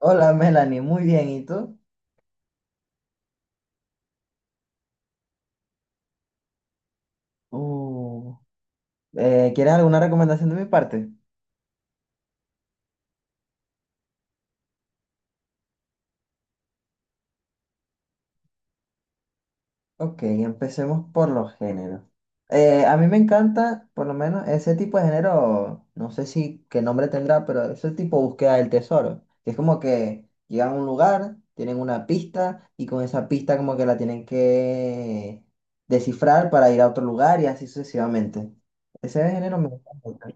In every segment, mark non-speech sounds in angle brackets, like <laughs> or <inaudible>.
Hola Melanie, muy bien, ¿y tú? Uh, ¿Quieres alguna recomendación de mi parte? Ok, empecemos por los géneros. A mí me encanta, por lo menos, ese tipo de género, no sé si qué nombre tendrá, pero ese tipo de búsqueda del tesoro que Es como que llegan a un lugar, tienen una pista y con esa pista como que la tienen que descifrar para ir a otro lugar y así sucesivamente. Ese género me encanta.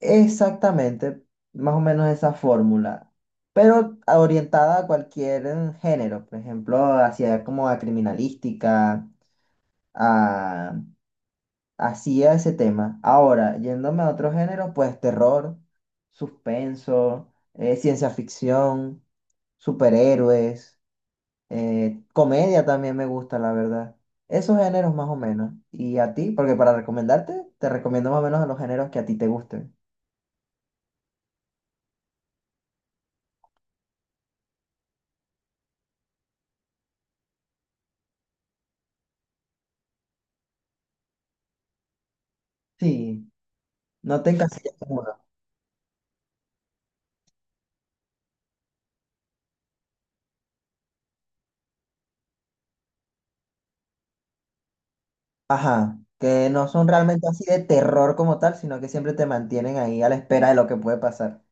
Exactamente, más o menos esa fórmula, pero orientada a cualquier género, por ejemplo, hacia como a criminalística, a, hacia ese tema. Ahora, yéndome a otro género, pues terror, suspenso, ciencia ficción, superhéroes, comedia también me gusta, la verdad. Esos géneros más o menos. ¿Y a ti? Porque para recomendarte, te recomiendo más o menos los géneros que a ti te gusten. Sí, no te encasillas. Ajá, que no son realmente así de terror como tal, sino que siempre te mantienen ahí a la espera de lo que puede pasar.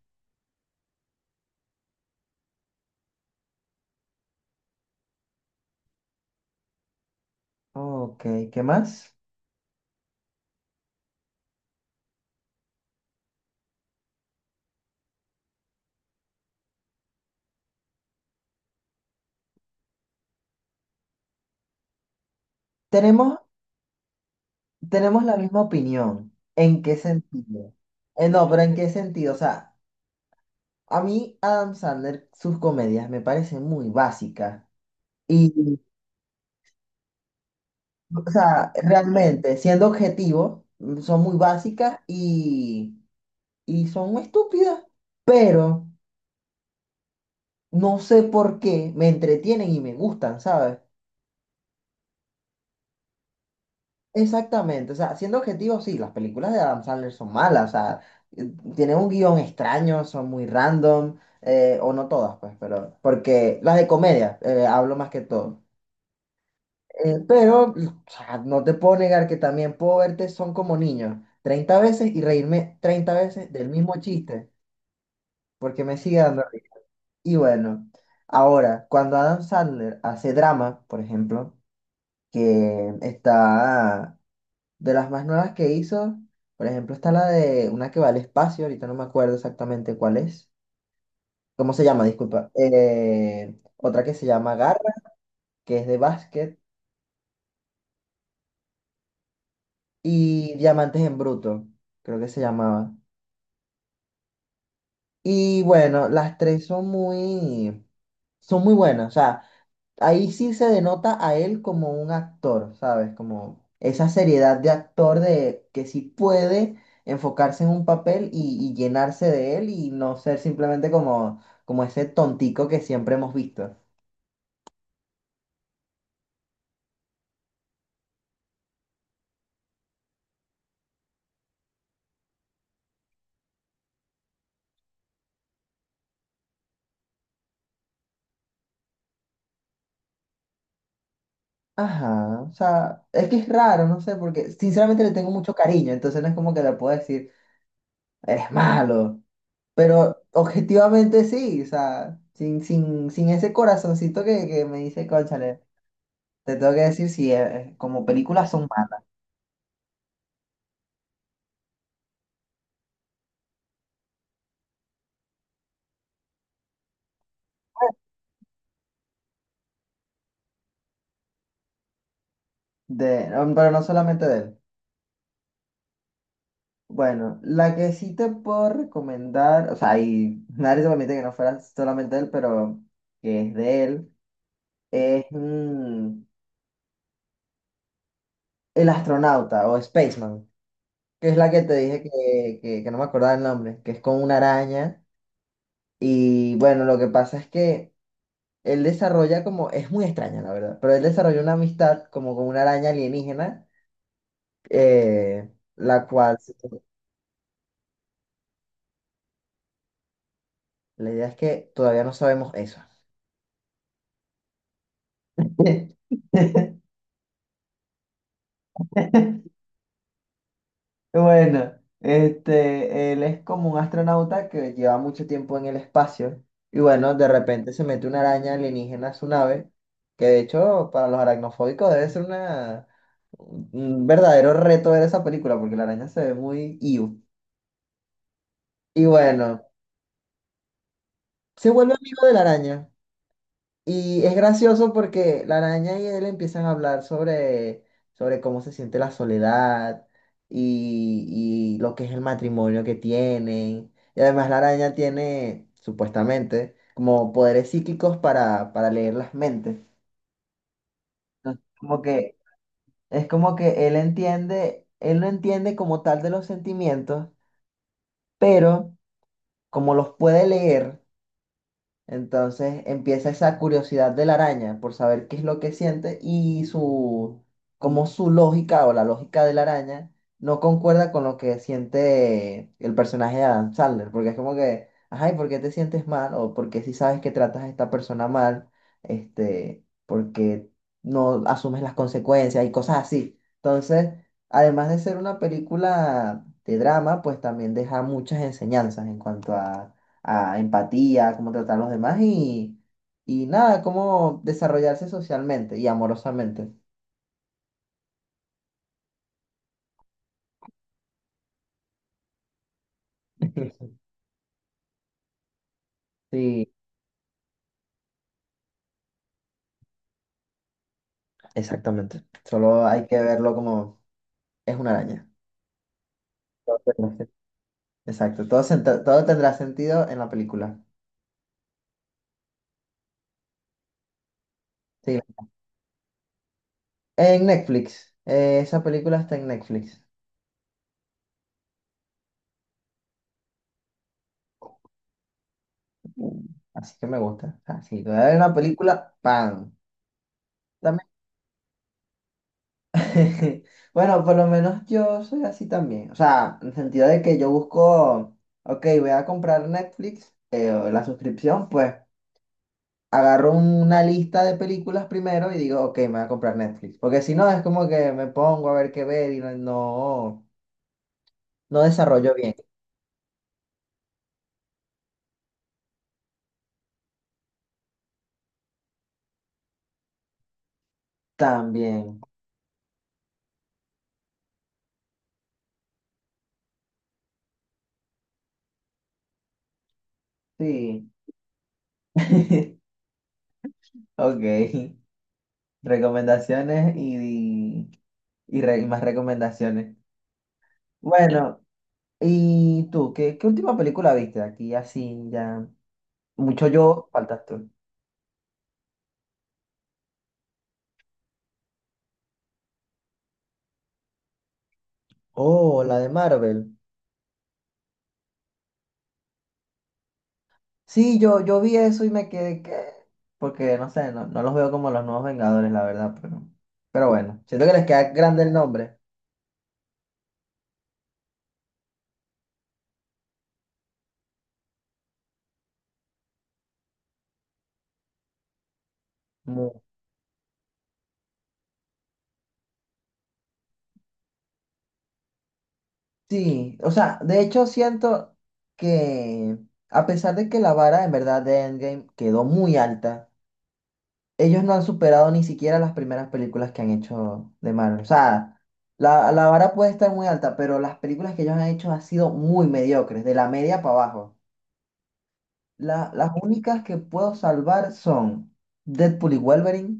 Ok, ¿qué más? Tenemos, tenemos la misma opinión. ¿En qué sentido? No, pero ¿en qué sentido? O sea, a mí Adam Sandler, sus comedias me parecen muy básicas. Y, o sea, realmente, siendo objetivo, son muy básicas y son muy estúpidas. Pero no sé por qué me entretienen y me gustan, ¿sabes? Exactamente, o sea, siendo objetivo, sí, las películas de Adam Sandler son malas, o sea, tienen un guión extraño, son muy random, o no todas, pues, pero, porque las de comedia, hablo más que todo. Pero, o sea, no te puedo negar que también puedo verte son como niños, 30 veces y reírme 30 veces del mismo chiste, porque me sigue dando risa. Y bueno, ahora, cuando Adam Sandler hace drama, por ejemplo, que está... De las más nuevas que hizo, por ejemplo, está la de una que va al espacio, ahorita no me acuerdo exactamente cuál es. ¿Cómo se llama? Disculpa. Otra que se llama Garra, que es de básquet, y Diamantes en Bruto, creo que se llamaba. Y bueno, las tres son muy buenas. O sea, ahí sí se denota a él como un actor, ¿sabes? Como esa seriedad de actor de que sí puede enfocarse en un papel y llenarse de él y no ser simplemente como, como ese tontico que siempre hemos visto. Ajá, o sea, es que es raro, no sé, porque sinceramente le tengo mucho cariño, entonces no es como que le puedo decir, eres malo, pero objetivamente sí, o sea, sin ese corazoncito que me dice, cónchale, te tengo que decir si como películas son malas. Pero no solamente de él. Bueno, la que sí te puedo recomendar, o sea, y nadie se permite que no fuera solamente él, pero que es de él, es El astronauta o Spaceman, que es la que te dije que no me acordaba el nombre, que es con una araña. Y bueno, lo que pasa es que él desarrolla como, es muy extraña la verdad, pero él desarrolla una amistad como con una araña alienígena, eh, la cual, la idea es que todavía no sabemos eso. <laughs> <laughs> Bueno, este, él es como un astronauta que lleva mucho tiempo en el espacio y bueno, de repente se mete una araña alienígena a su nave, que de hecho para los aracnofóbicos debe ser un verdadero reto ver esa película porque la araña se ve muy iu. Y bueno, se vuelve amigo de la araña. Y es gracioso porque la araña y él empiezan a hablar sobre cómo se siente la soledad y lo que es el matrimonio que tienen. Y además la araña tiene, supuestamente, como poderes psíquicos para leer las mentes. Entonces, como que, es como que él entiende, él no entiende como tal de los sentimientos, pero como los puede leer. Entonces empieza esa curiosidad de la araña por saber qué es lo que siente y su, como su lógica o la lógica de la araña no concuerda con lo que siente el personaje de Adam Sandler, porque es como que, ay, ¿por qué te sientes mal? O porque si sabes que tratas a esta persona mal, este, porque no asumes las consecuencias y cosas así. Entonces, además de ser una película de drama, pues también deja muchas enseñanzas en cuanto a empatía, cómo tratar a los demás y nada, cómo desarrollarse socialmente y amorosamente. <laughs> Sí, exactamente. Solo hay que verlo como es una araña. Todo tendrá sen- Exacto, todo tendrá sentido en la película. Sí. En Netflix, esa película está en Netflix. Mm. Así que me gusta. Así que voy a ver una película, ¡pam! <laughs> Bueno, por lo menos yo soy así también. O sea, en el sentido de que yo busco, ok, voy a comprar Netflix, o la suscripción, pues agarro una lista de películas primero y digo, ok, me voy a comprar Netflix. Porque si no, es como que me pongo a ver qué ver y no desarrollo bien. También, sí. <laughs> Ok, recomendaciones y, re- y más recomendaciones. Bueno, ¿y tú? ¿Qué última película viste? Aquí así ya. Mucho yo, faltas tú. Oh, la de Marvel. Sí, yo vi eso y me quedé que... Porque no sé, no los veo como los nuevos Vengadores, la verdad, pero... Pero bueno, siento que les queda grande el nombre. Mu- Sí, o sea, de hecho siento que a pesar de que la vara en verdad de Endgame quedó muy alta, ellos no han superado ni siquiera las primeras películas que han hecho de Marvel. O sea, la vara puede estar muy alta, pero las películas que ellos han hecho han sido muy mediocres, de la media para abajo. Las únicas que puedo salvar son Deadpool y Wolverine,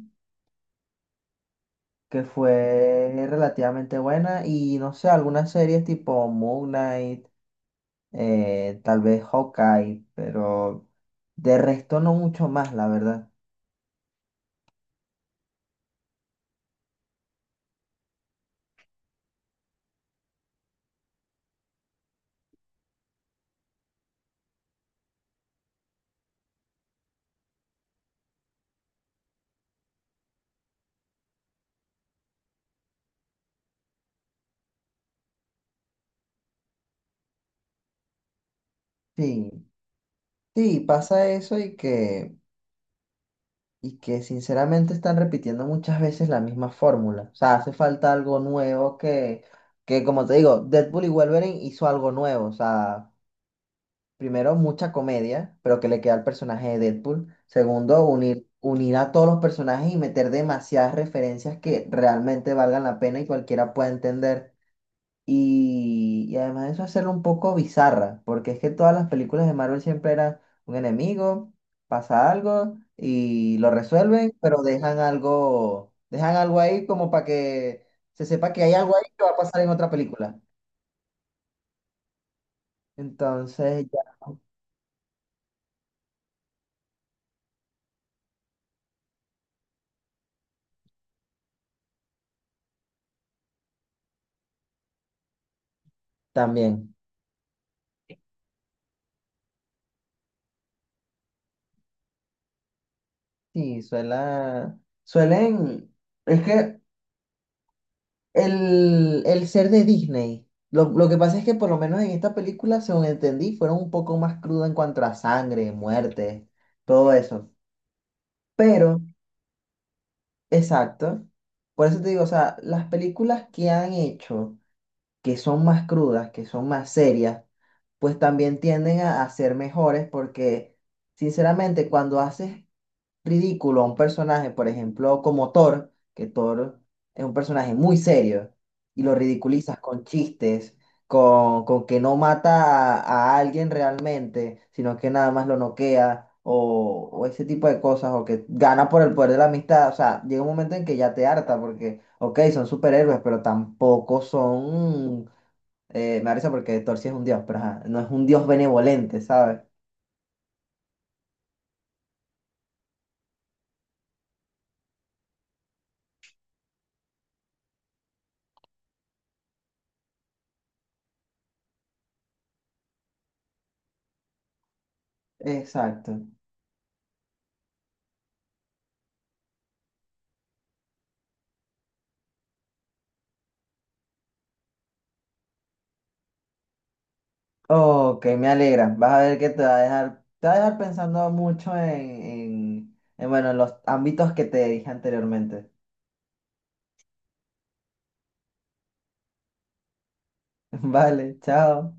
que fue relativamente buena, y no sé, algunas series tipo Moon Knight, tal vez Hawkeye, pero de resto no mucho más, la verdad. Sí, sí, pasa eso y que sinceramente están repitiendo muchas veces la misma fórmula. O sea, hace falta algo nuevo que como te digo, Deadpool y Wolverine hizo algo nuevo, o sea. Primero, mucha comedia, pero que le queda al personaje de Deadpool. Segundo, unir a todos los personajes y meter demasiadas referencias que realmente valgan la pena y cualquiera pueda entender. Y además de eso, hacerlo un poco bizarra, porque es que todas las películas de Marvel siempre eran un enemigo, pasa algo y lo resuelven, pero dejan algo ahí como para que se sepa que hay algo ahí que va a pasar en otra película. Entonces, ya también. Sí, suelen, es que el ser de Disney, lo que pasa es que por lo menos en esta película, según entendí, fueron un poco más cruda en cuanto a sangre, muerte, todo eso. Pero, exacto, por eso te digo, o sea, las películas que han hecho, que son más crudas, que son más serias, pues también tienden a ser mejores porque, sinceramente, cuando haces ridículo a un personaje, por ejemplo, como Thor, que Thor es un personaje muy serio y lo ridiculizas con chistes, con que no mata a alguien realmente, sino que nada más lo noquea o ese tipo de cosas, o que gana por el poder de la amistad. O sea, llega un momento en que ya te harta porque, ok, son superhéroes, pero tampoco son... me da risa porque Thor sí es un dios, pero ajá, no es un dios benevolente, ¿sabes? Exacto. Ok, me alegra. Vas a ver que te va a dejar, te va a dejar pensando mucho bueno, en los ámbitos que te dije anteriormente. <laughs> Vale, chao.